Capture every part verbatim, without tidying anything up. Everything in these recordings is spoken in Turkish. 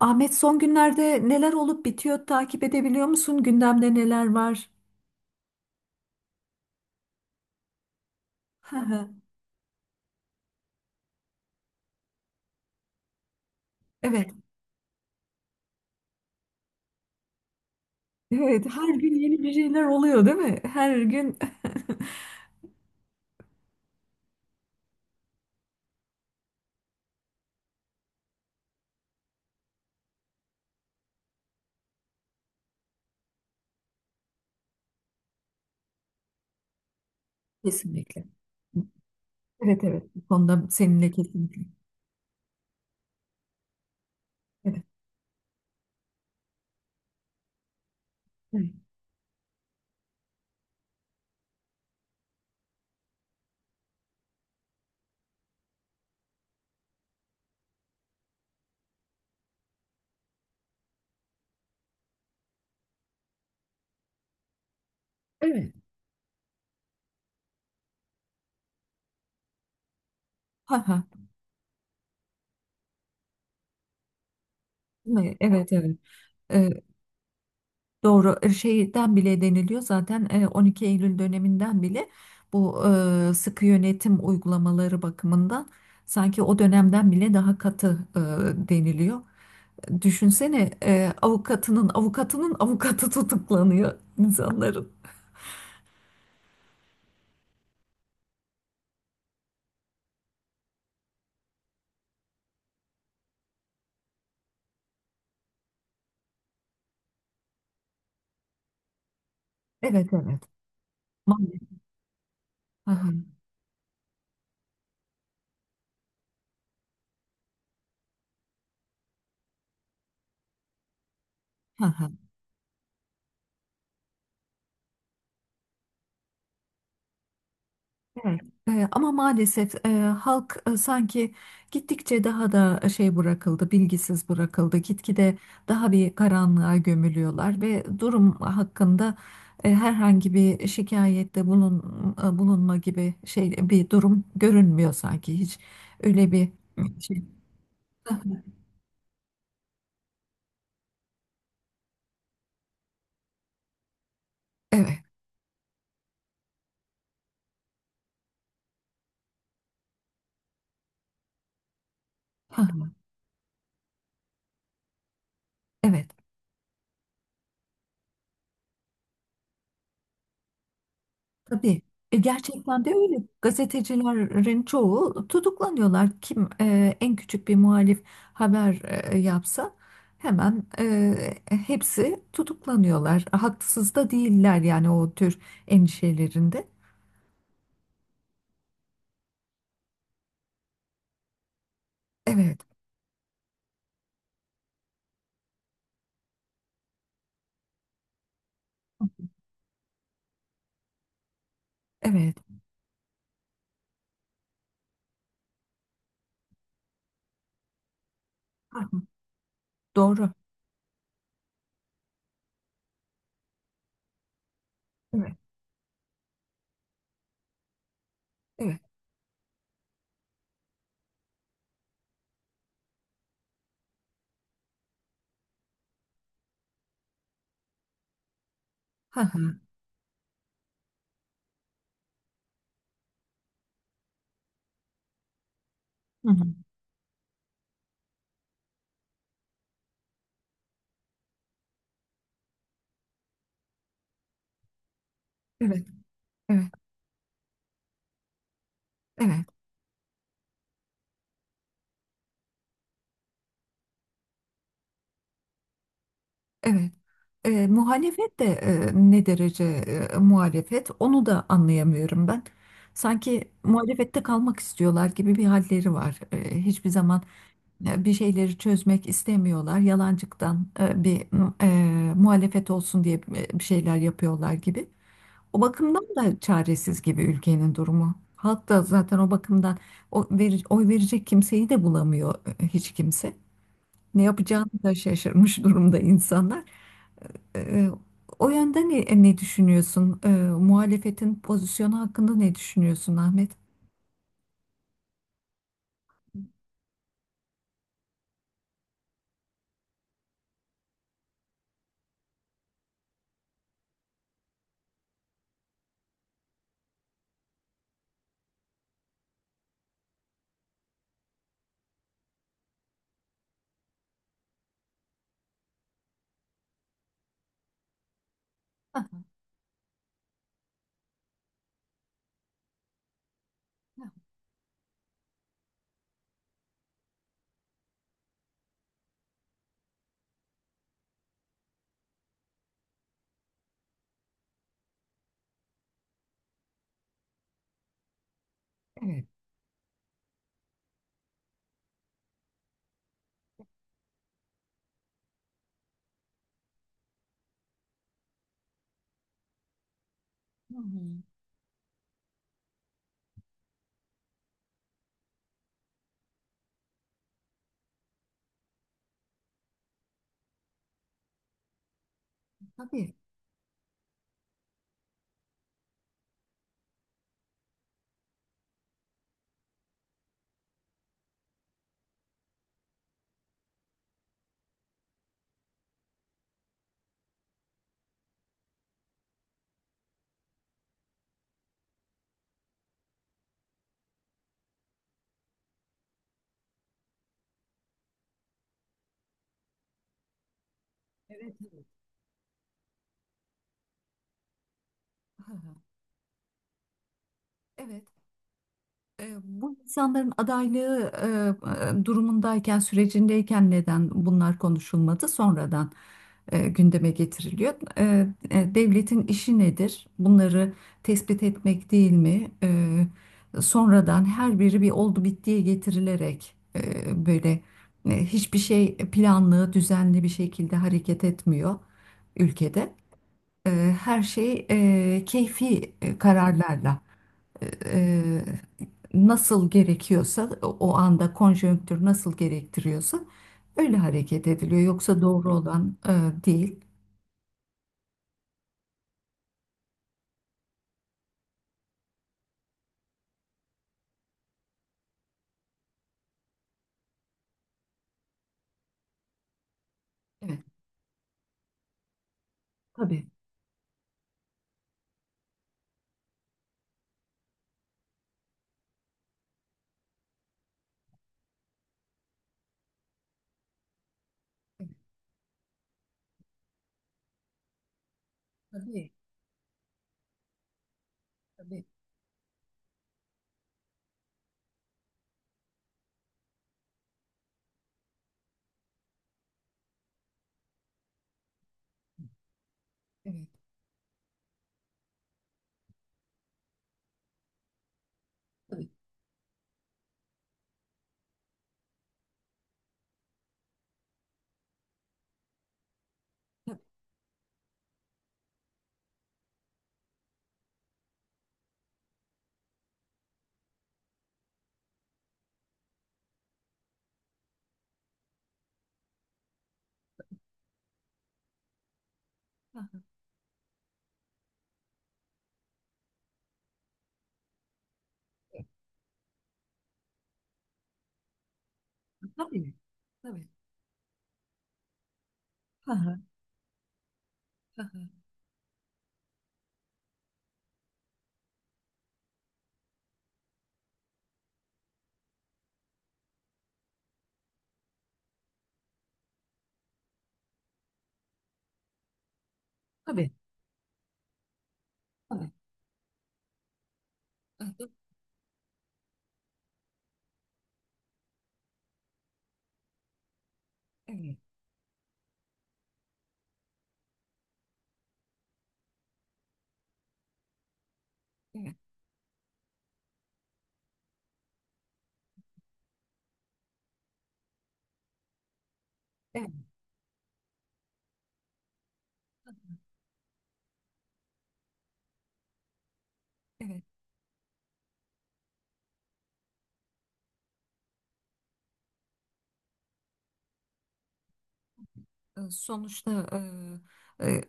Ahmet, son günlerde neler olup bitiyor, takip edebiliyor musun? Gündemde neler var? Hı hı. Evet, evet. Her gün yeni bir şeyler oluyor, değil mi? Her gün. Kesinlikle. Evet, evet. Bu konuda seninle kesinlikle. Evet, evet. Evet. Hı hı. Ne- Evet, evet. Ee, doğru. E, Şeyden bile deniliyor zaten, e, on iki Eylül döneminden bile bu e, sıkı yönetim uygulamaları bakımından sanki o dönemden bile daha katı e, deniliyor. Düşünsene, e, avukatının avukatının avukatı tutuklanıyor insanların. Evet, evet. Maalesef. Hı hı, hı hı. Evet. E, ama maalesef e, halk e, sanki gittikçe daha da e, şey bırakıldı, bilgisiz bırakıldı. Gitgide daha bir karanlığa gömülüyorlar ve durum hakkında e, herhangi bir şikayette bulun, e, bulunma gibi şey bir durum görünmüyor, sanki hiç öyle bir şey. Evet. Hı hı, evet. Tabii. E, gerçekten de öyle. Gazetecilerin çoğu tutuklanıyorlar. Kim e, en küçük bir muhalif haber e, yapsa hemen e, hepsi tutuklanıyorlar. Haksız da değiller yani o tür endişelerinde. Evet, evet. Hı hı, doğru. Evet, evet. Hı hı, hı hı. Evet, evet, evet, evet. E, muhalefet de e, ne derece, e, muhalefet onu da anlayamıyorum ben. Sanki muhalefette kalmak istiyorlar gibi bir halleri var. E, hiçbir zaman e, bir şeyleri çözmek istemiyorlar. Yalancıktan e, bir, e, muhalefet olsun diye e, bir şeyler yapıyorlar gibi. O bakımdan da çaresiz gibi ülkenin durumu. Halk da zaten o bakımdan o veri- oy verecek kimseyi de bulamıyor, e, hiç kimse. Ne yapacağını da şaşırmış durumda insanlar. Ee, o yönden ne, ne düşünüyorsun? Ee, muhalefetin pozisyonu hakkında ne düşünüyorsun Ahmet? Evet, hı hı. Tabii. Evet, evet. Hı hı. Evet. E, Bu insanların adaylığı e, e, durumundayken, sürecindeyken neden bunlar konuşulmadı? Sonradan e, gündeme getiriliyor. E, e, Devletin işi nedir? Bunları tespit etmek değil mi? E, Sonradan her biri bir oldu bittiye getirilerek, e, böyle e, hiçbir şey planlı, düzenli bir şekilde hareket etmiyor ülkede. E, Her şey e, keyfi e, kararlarla e, nasıl gerekiyorsa, o o anda konjonktür nasıl gerektiriyorsa öyle hareket ediliyor. Yoksa doğru olan e, değil. Evet, tabii. Evet, tabii, tabii, evet, tabii, ha, ha, tabii, tabii, ha, ha, ha, ha, tabii, tabii, ha, ha, evet, evet, evet, evet. Sonuçta e, e,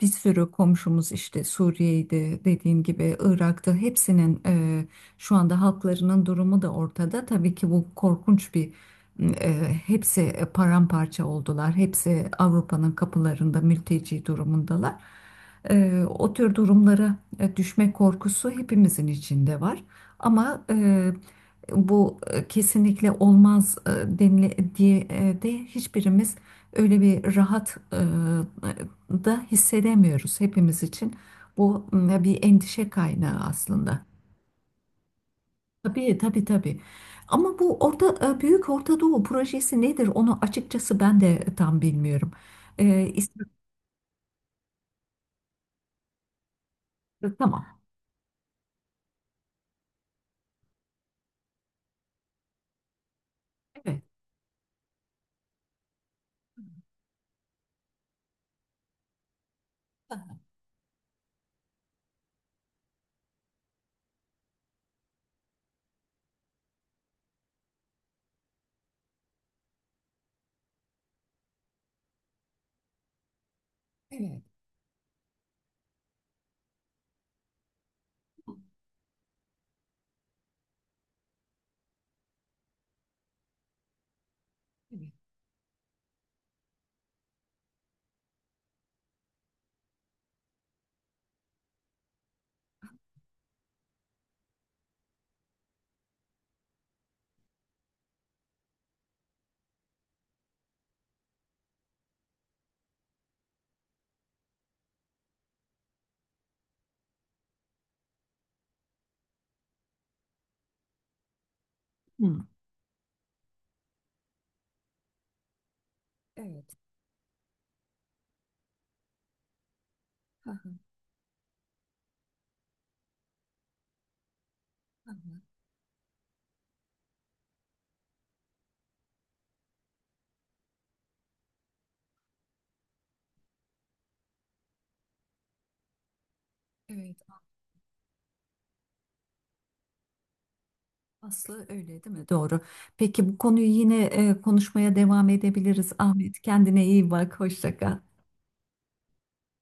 bir sürü komşumuz işte Suriye'de dediğim gibi Irak'ta, hepsinin e, şu anda halklarının durumu da ortada. Tabii ki bu korkunç bir, e, hepsi paramparça oldular. Hepsi Avrupa'nın kapılarında mülteci durumundalar. E, o tür durumlara e, düşme korkusu hepimizin içinde var. Ama e, bu e, kesinlikle olmaz e, denile diye e, de hiçbirimiz öyle bir rahat e, da hissedemiyoruz hepimiz için. Bu m, bir endişe kaynağı aslında. Tabii, tabii, tabii. Ama bu orta, e, Büyük Orta Doğu projesi nedir? Onu açıkçası ben de tam bilmiyorum. E, İsm- tamam. Evet. Ha, evet. Evet. Hı. Evet. Ha, ha, ha, ha. Evet, aslı öyle değil mi? Doğru. Peki bu konuyu yine e, konuşmaya devam edebiliriz Ahmet. Kendine iyi bak. Hoşça kal.